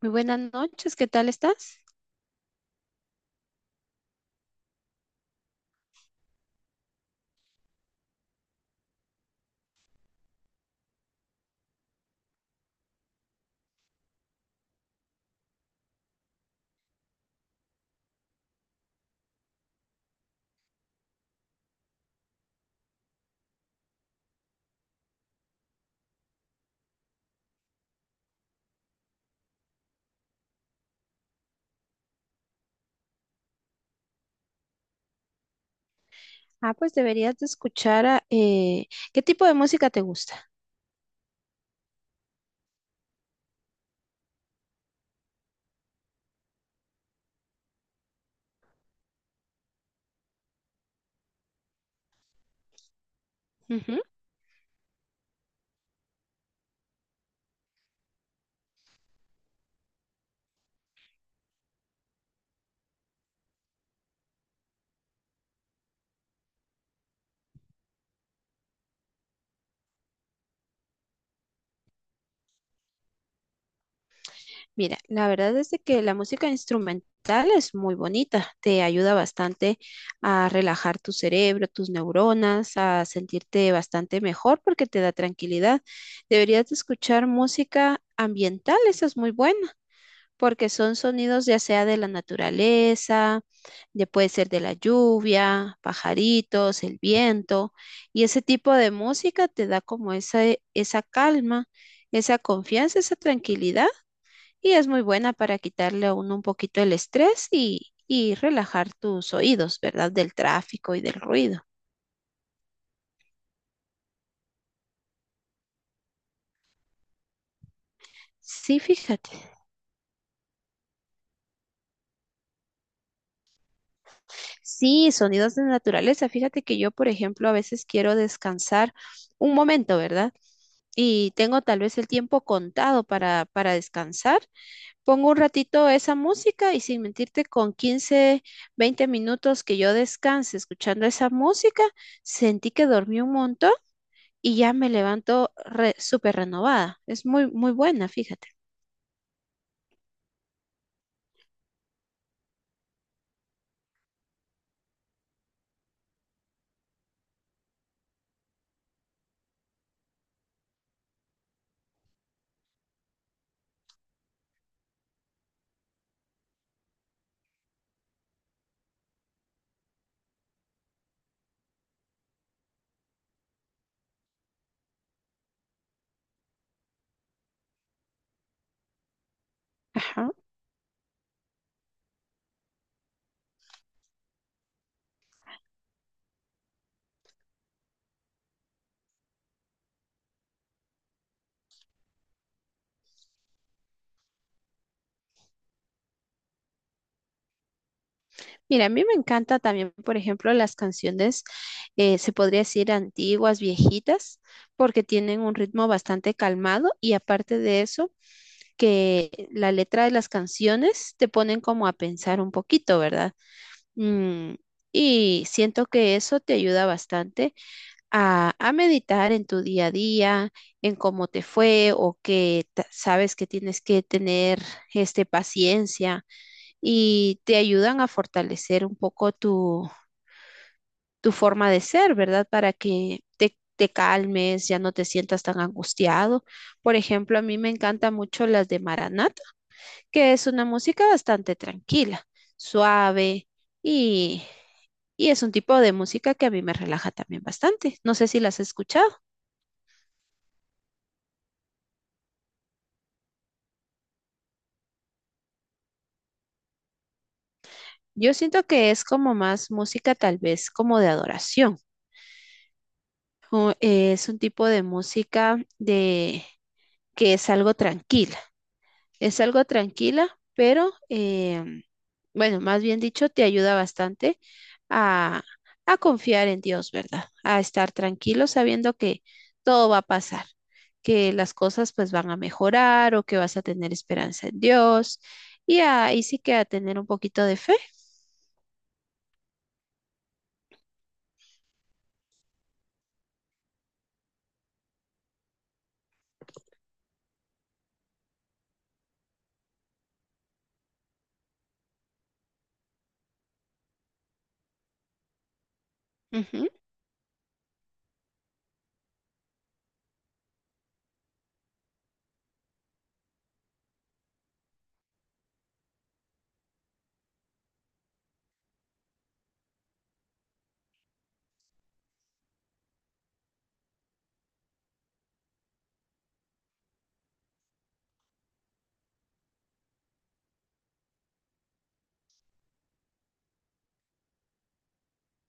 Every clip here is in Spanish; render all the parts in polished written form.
Muy buenas noches, ¿qué tal estás? Ah, pues deberías de escuchar a, ¿qué tipo de música te gusta? Ujú. Mira, la verdad es de que la música instrumental es muy bonita, te ayuda bastante a relajar tu cerebro, tus neuronas, a sentirte bastante mejor porque te da tranquilidad. Deberías de escuchar música ambiental, esa es muy buena, porque son sonidos ya sea de la naturaleza, de, puede ser de la lluvia, pajaritos, el viento, y ese tipo de música te da como esa calma, esa confianza, esa tranquilidad, y es muy buena para quitarle a uno un poquito el estrés y relajar tus oídos, ¿verdad? Del tráfico y del ruido. Sí, fíjate. Sí, sonidos de naturaleza. Fíjate que yo, por ejemplo, a veces quiero descansar un momento, ¿verdad? Y tengo tal vez el tiempo contado para descansar. Pongo un ratito esa música y sin mentirte, con 15, 20 minutos que yo descanse escuchando esa música, sentí que dormí un montón y ya me levanto súper renovada. Es muy, muy buena, fíjate. Ajá. Mira, a mí me encanta también, por ejemplo, las canciones, se podría decir antiguas, viejitas, porque tienen un ritmo bastante calmado y aparte de eso, que la letra de las canciones te ponen como a pensar un poquito, ¿verdad? Mm, y siento que eso te ayuda bastante a meditar en tu día a día, en cómo te fue o sabes que tienes que tener este, paciencia y te ayudan a fortalecer un poco tu forma de ser, ¿verdad? Para que te calmes, ya no te sientas tan angustiado. Por ejemplo, a mí me encantan mucho las de Maranat, que es una música bastante tranquila, suave y, y es un tipo de música que a mí me relaja también bastante. No sé si las has escuchado. Yo siento que es como más música tal vez como de adoración, o, es un tipo de música de que es algo tranquila. Es algo tranquila, pero bueno, más bien dicho, te ayuda bastante a, a confiar en Dios, ¿verdad? A estar tranquilo sabiendo que todo va a pasar, que las cosas pues van a mejorar o que vas a tener esperanza en Dios y ahí sí que a tener un poquito de fe.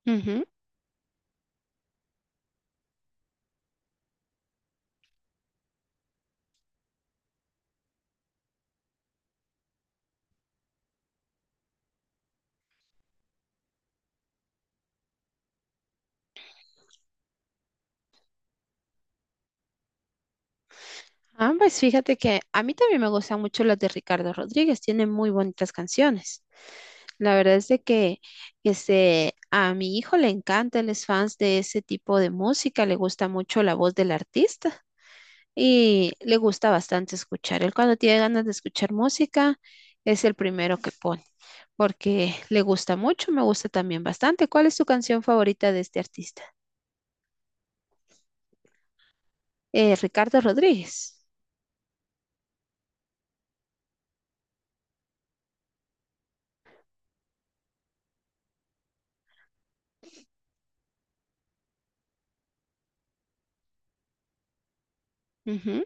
Ujú, ujú. Ah, pues fíjate que a mí también me gustan mucho las de Ricardo Rodríguez, tiene muy bonitas canciones. La verdad es de que este, a mi hijo le encanta, él es fans de ese tipo de música, le gusta mucho la voz del artista y le gusta bastante escuchar. Él cuando tiene ganas de escuchar música es el primero que pone, porque le gusta mucho, me gusta también bastante. ¿Cuál es tu canción favorita de este artista? Ricardo Rodríguez. Ujú.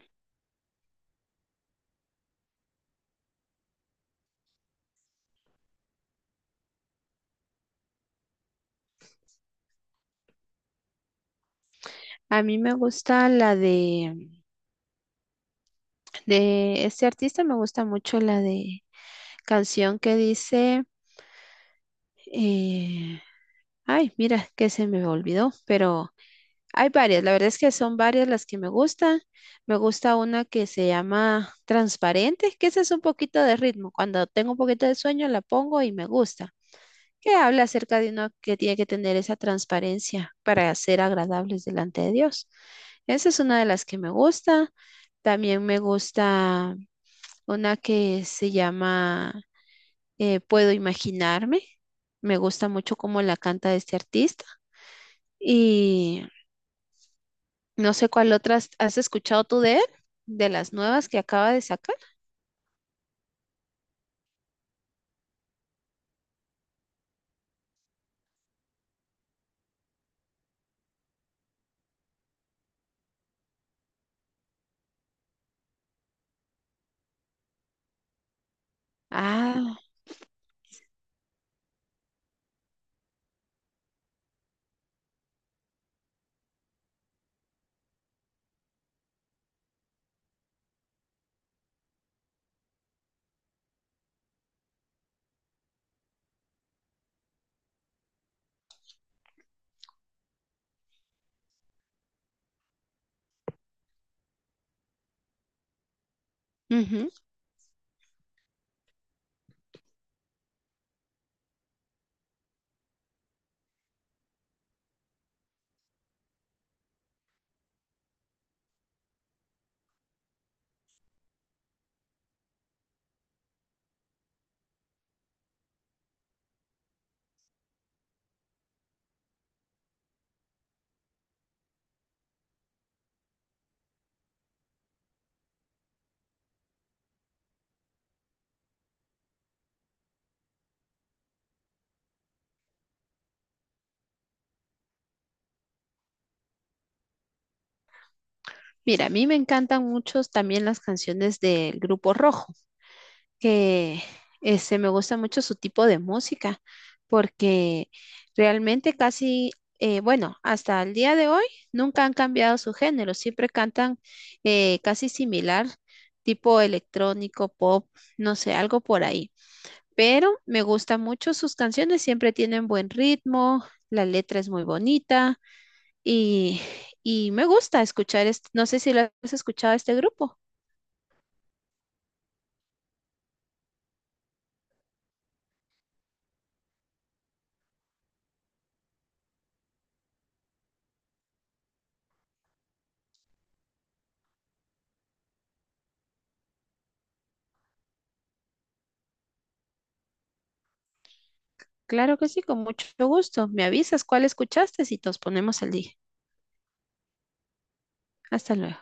A mí me gusta la de este artista, me gusta mucho la de canción que dice... eh, Ay, mira, que se me olvidó, pero hay varias. La verdad es que son varias las que me gustan. Me gusta una que se llama Transparente, que esa es un poquito de ritmo. Cuando tengo un poquito de sueño la pongo y me gusta. Que habla acerca de uno que tiene que tener esa transparencia para ser agradables delante de Dios. Esa es una de las que me gusta. También me gusta una que se llama Puedo imaginarme. Me gusta mucho cómo la canta este artista. Y no sé cuál otras has escuchado tú de él, de las nuevas que acaba de sacar. Ah, ujú. Mira, a mí me encantan mucho también las canciones del Grupo Rojo, que este, me gusta mucho su tipo de música, porque realmente casi, bueno, hasta el día de hoy nunca han cambiado su género, siempre cantan casi similar, tipo electrónico, pop, no sé, algo por ahí, pero me gustan mucho sus canciones, siempre tienen buen ritmo, la letra es muy bonita y, y me gusta escuchar, este, no sé si lo has escuchado este grupo. Claro que sí, con mucho gusto. Me avisas cuál escuchaste y nos ponemos al día. Hasta luego.